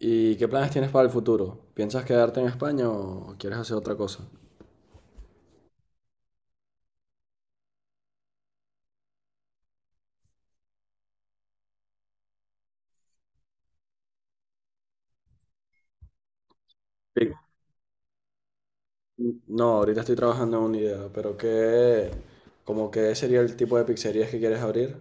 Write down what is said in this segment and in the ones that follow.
¿Y qué planes tienes para el futuro? ¿Piensas quedarte en España o quieres hacer otra cosa? Sí. No, ahorita estoy trabajando en una idea, pero ¿qué, como qué sería el tipo de pizzerías que quieres abrir?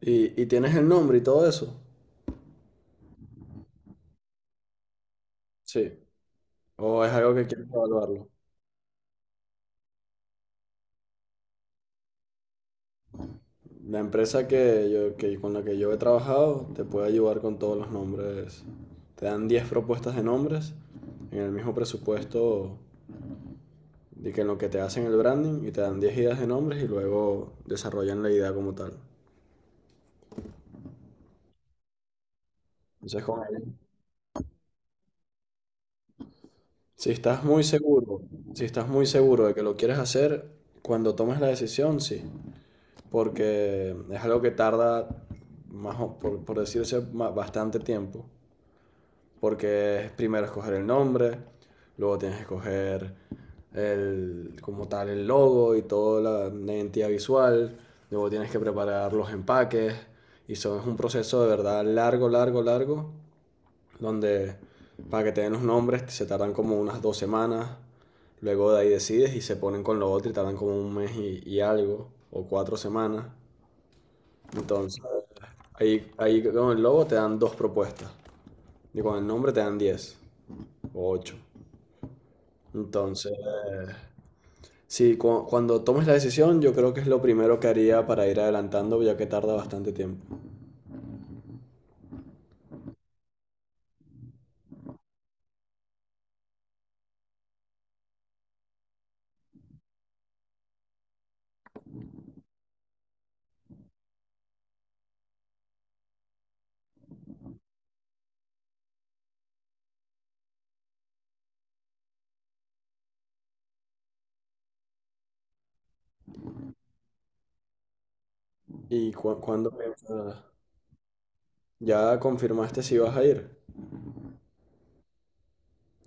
¿Y tienes el nombre y todo eso? Sí. ¿O es algo que quieres evaluarlo? La empresa con la que yo he trabajado te puede ayudar con todos los nombres. Te dan 10 propuestas de nombres en el mismo presupuesto. De que en lo que te hacen el branding y te dan 10 ideas de nombres y luego desarrollan la idea como tal. Entonces, con él, si estás muy seguro, si estás muy seguro de que lo quieres hacer, cuando tomes la decisión, sí. Porque es algo que tarda, más por decirse, bastante tiempo. Porque primero escoger el nombre, luego tienes que escoger como tal el logo y toda la identidad visual, luego tienes que preparar los empaques y eso es un proceso de verdad largo, largo, largo, donde para que te den los nombres se tardan como unas dos semanas, luego de ahí decides y se ponen con lo otro y tardan como un mes y algo, o cuatro semanas. Entonces, ahí con el logo te dan dos propuestas y con el nombre te dan diez. Ocho. Entonces, sí, cuando tomes la decisión, yo creo que es lo primero que haría para ir adelantando, ya que tarda bastante tiempo. ¿Y cuándo piensas? ¿Ya confirmaste si vas a ir?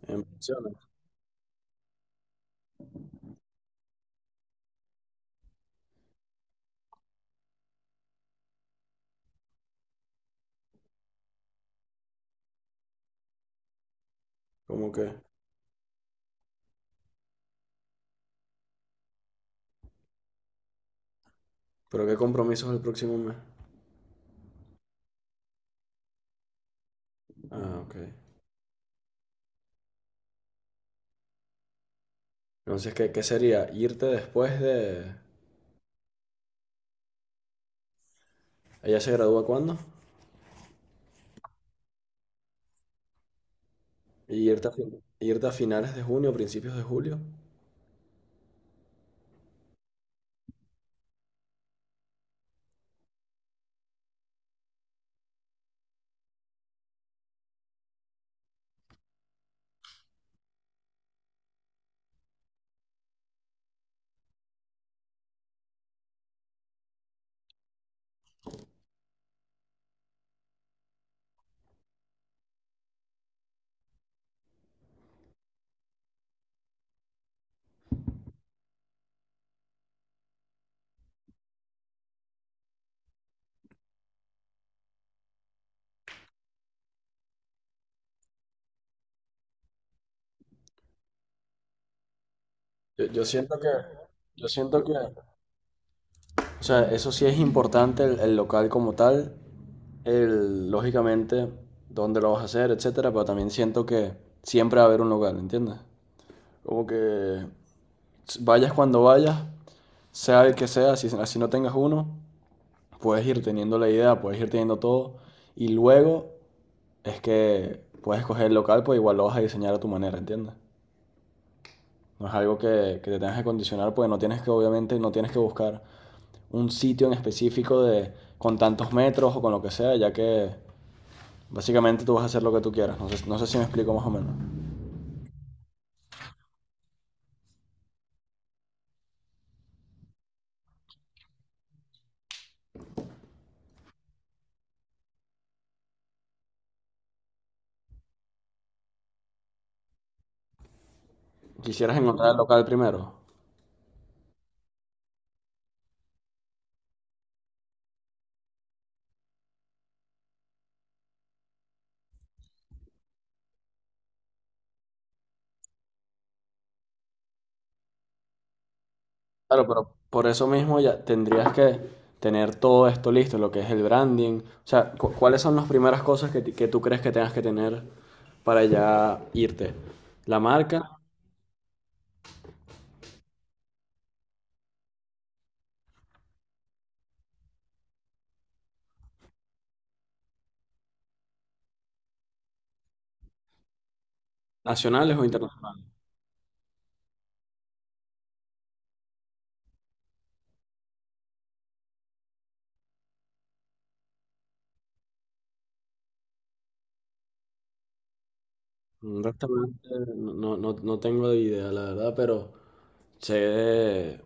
En pensiones. ¿Cómo que? ¿Pero qué compromisos el próximo mes? Ah, ok. Entonces, ¿qué sería? ¿Irte después de... ¿Ella se gradúa cuándo? ¿Y irte a, irte a finales de junio, principios de julio? Yo siento que... Yo siento que... O sea, eso sí es importante el local como tal, lógicamente, dónde lo vas a hacer, etcétera, pero también siento que siempre va a haber un lugar, ¿entiendes? Como que vayas cuando vayas, sea el que sea, si no tengas uno, puedes ir teniendo la idea, puedes ir teniendo todo, y luego es que puedes escoger el local, pues igual lo vas a diseñar a tu manera, ¿entiendes? No es algo que te tengas que condicionar, pues no tienes que, obviamente, no tienes que buscar un sitio en específico de con tantos metros o con lo que sea, ya que básicamente tú vas a hacer lo que tú quieras. No sé, no sé si me explico más o menos. Quisieras encontrar el local primero. Claro, pero por eso mismo ya tendrías que tener todo esto listo, lo que es el branding. O sea, ¿cuáles son las primeras cosas que tú crees que tengas que tener para ya irte? ¿La marca? ¿Nacionales o internacionales? Un restaurante, no tengo de idea, la verdad, pero sé de-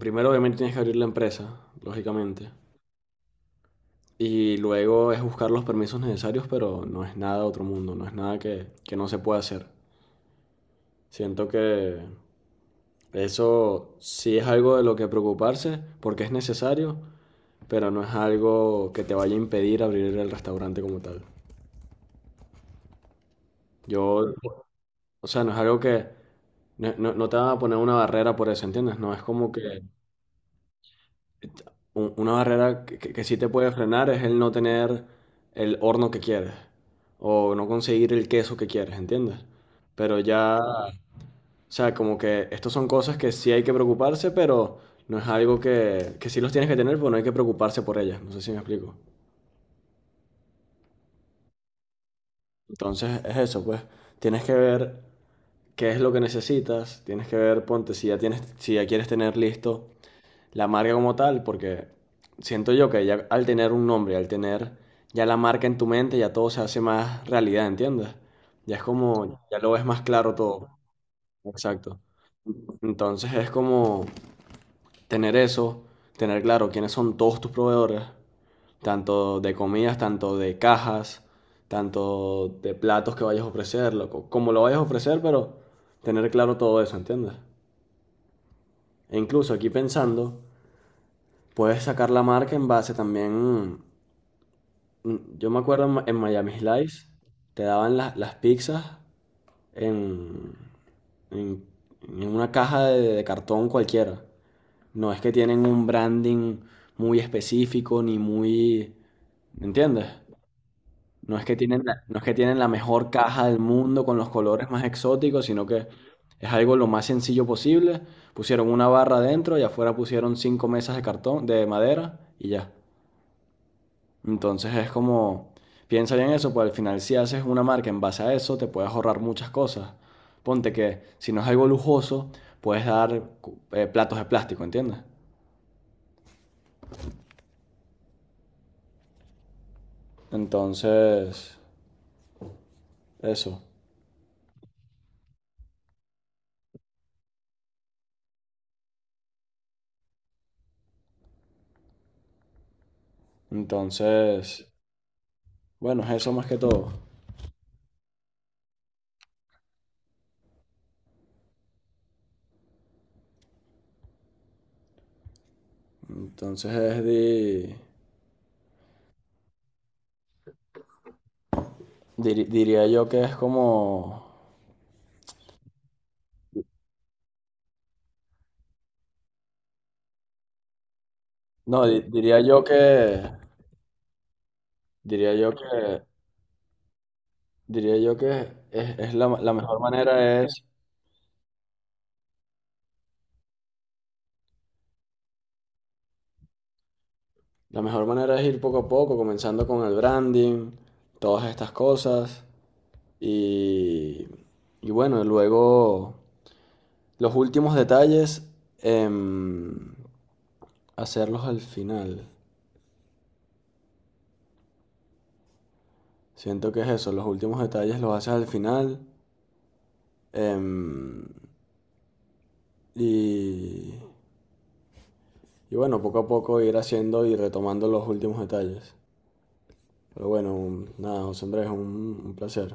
primero obviamente tienes que abrir la empresa, lógicamente. Y luego es buscar los permisos necesarios, pero no es nada de otro mundo, no es nada que no se pueda hacer. Siento que eso sí es algo de lo que preocuparse, porque es necesario, pero no es algo que te vaya a impedir abrir el restaurante como tal. Yo, o sea, no es algo que, no te van a poner una barrera por eso, ¿entiendes? No es como que una barrera que sí te puede frenar es el no tener el horno que quieres o no conseguir el queso que quieres, ¿entiendes? Pero ya, o sea, como que estas son cosas que sí hay que preocuparse, pero no es algo que sí los tienes que tener, pero no hay que preocuparse por ellas, no sé si me explico. Entonces es eso, pues tienes que ver qué es lo que necesitas, tienes que ver, ponte, si ya tienes, si ya quieres tener listo la marca como tal, porque siento yo que ya al tener un nombre, al tener ya la marca en tu mente, ya todo se hace más realidad, ¿entiendes? Ya es como, ya lo ves más claro todo. Exacto. Entonces es como tener eso, tener claro quiénes son todos tus proveedores, tanto de comidas, tanto de cajas, tanto de platos que vayas a ofrecer, loco, como lo vayas a ofrecer, pero tener claro todo eso, ¿entiendes? E incluso aquí pensando, puedes sacar la marca en base también. Yo me acuerdo en, en Miami Slice, te daban las pizzas en, en- en una caja de cartón cualquiera. No es que tienen un branding muy específico ni muy... ¿Me entiendes? No es que tienen la, no es que tienen la mejor caja del mundo con los colores más exóticos, sino que es algo lo más sencillo posible. Pusieron una barra adentro y afuera pusieron cinco mesas de cartón, de madera y ya. Entonces es como, piensa bien eso, pues al final si haces una marca en base a eso, te puedes ahorrar muchas cosas. Ponte que si no es algo lujoso, puedes dar platos de plástico, ¿entiendes? Entonces, eso. Entonces, bueno, es eso más que todo. Entonces diría yo que es como, no, diría yo que, diría yo que, diría yo que la mejor manera es... La mejor manera es ir poco a poco, comenzando con el branding, todas estas cosas. Y, y bueno, luego los últimos detalles, em, hacerlos al final. Siento que es eso, los últimos detalles los haces al final. em, y, y bueno, poco a poco ir haciendo y retomando los últimos detalles. Pero bueno, nada, José Andrés, un placer.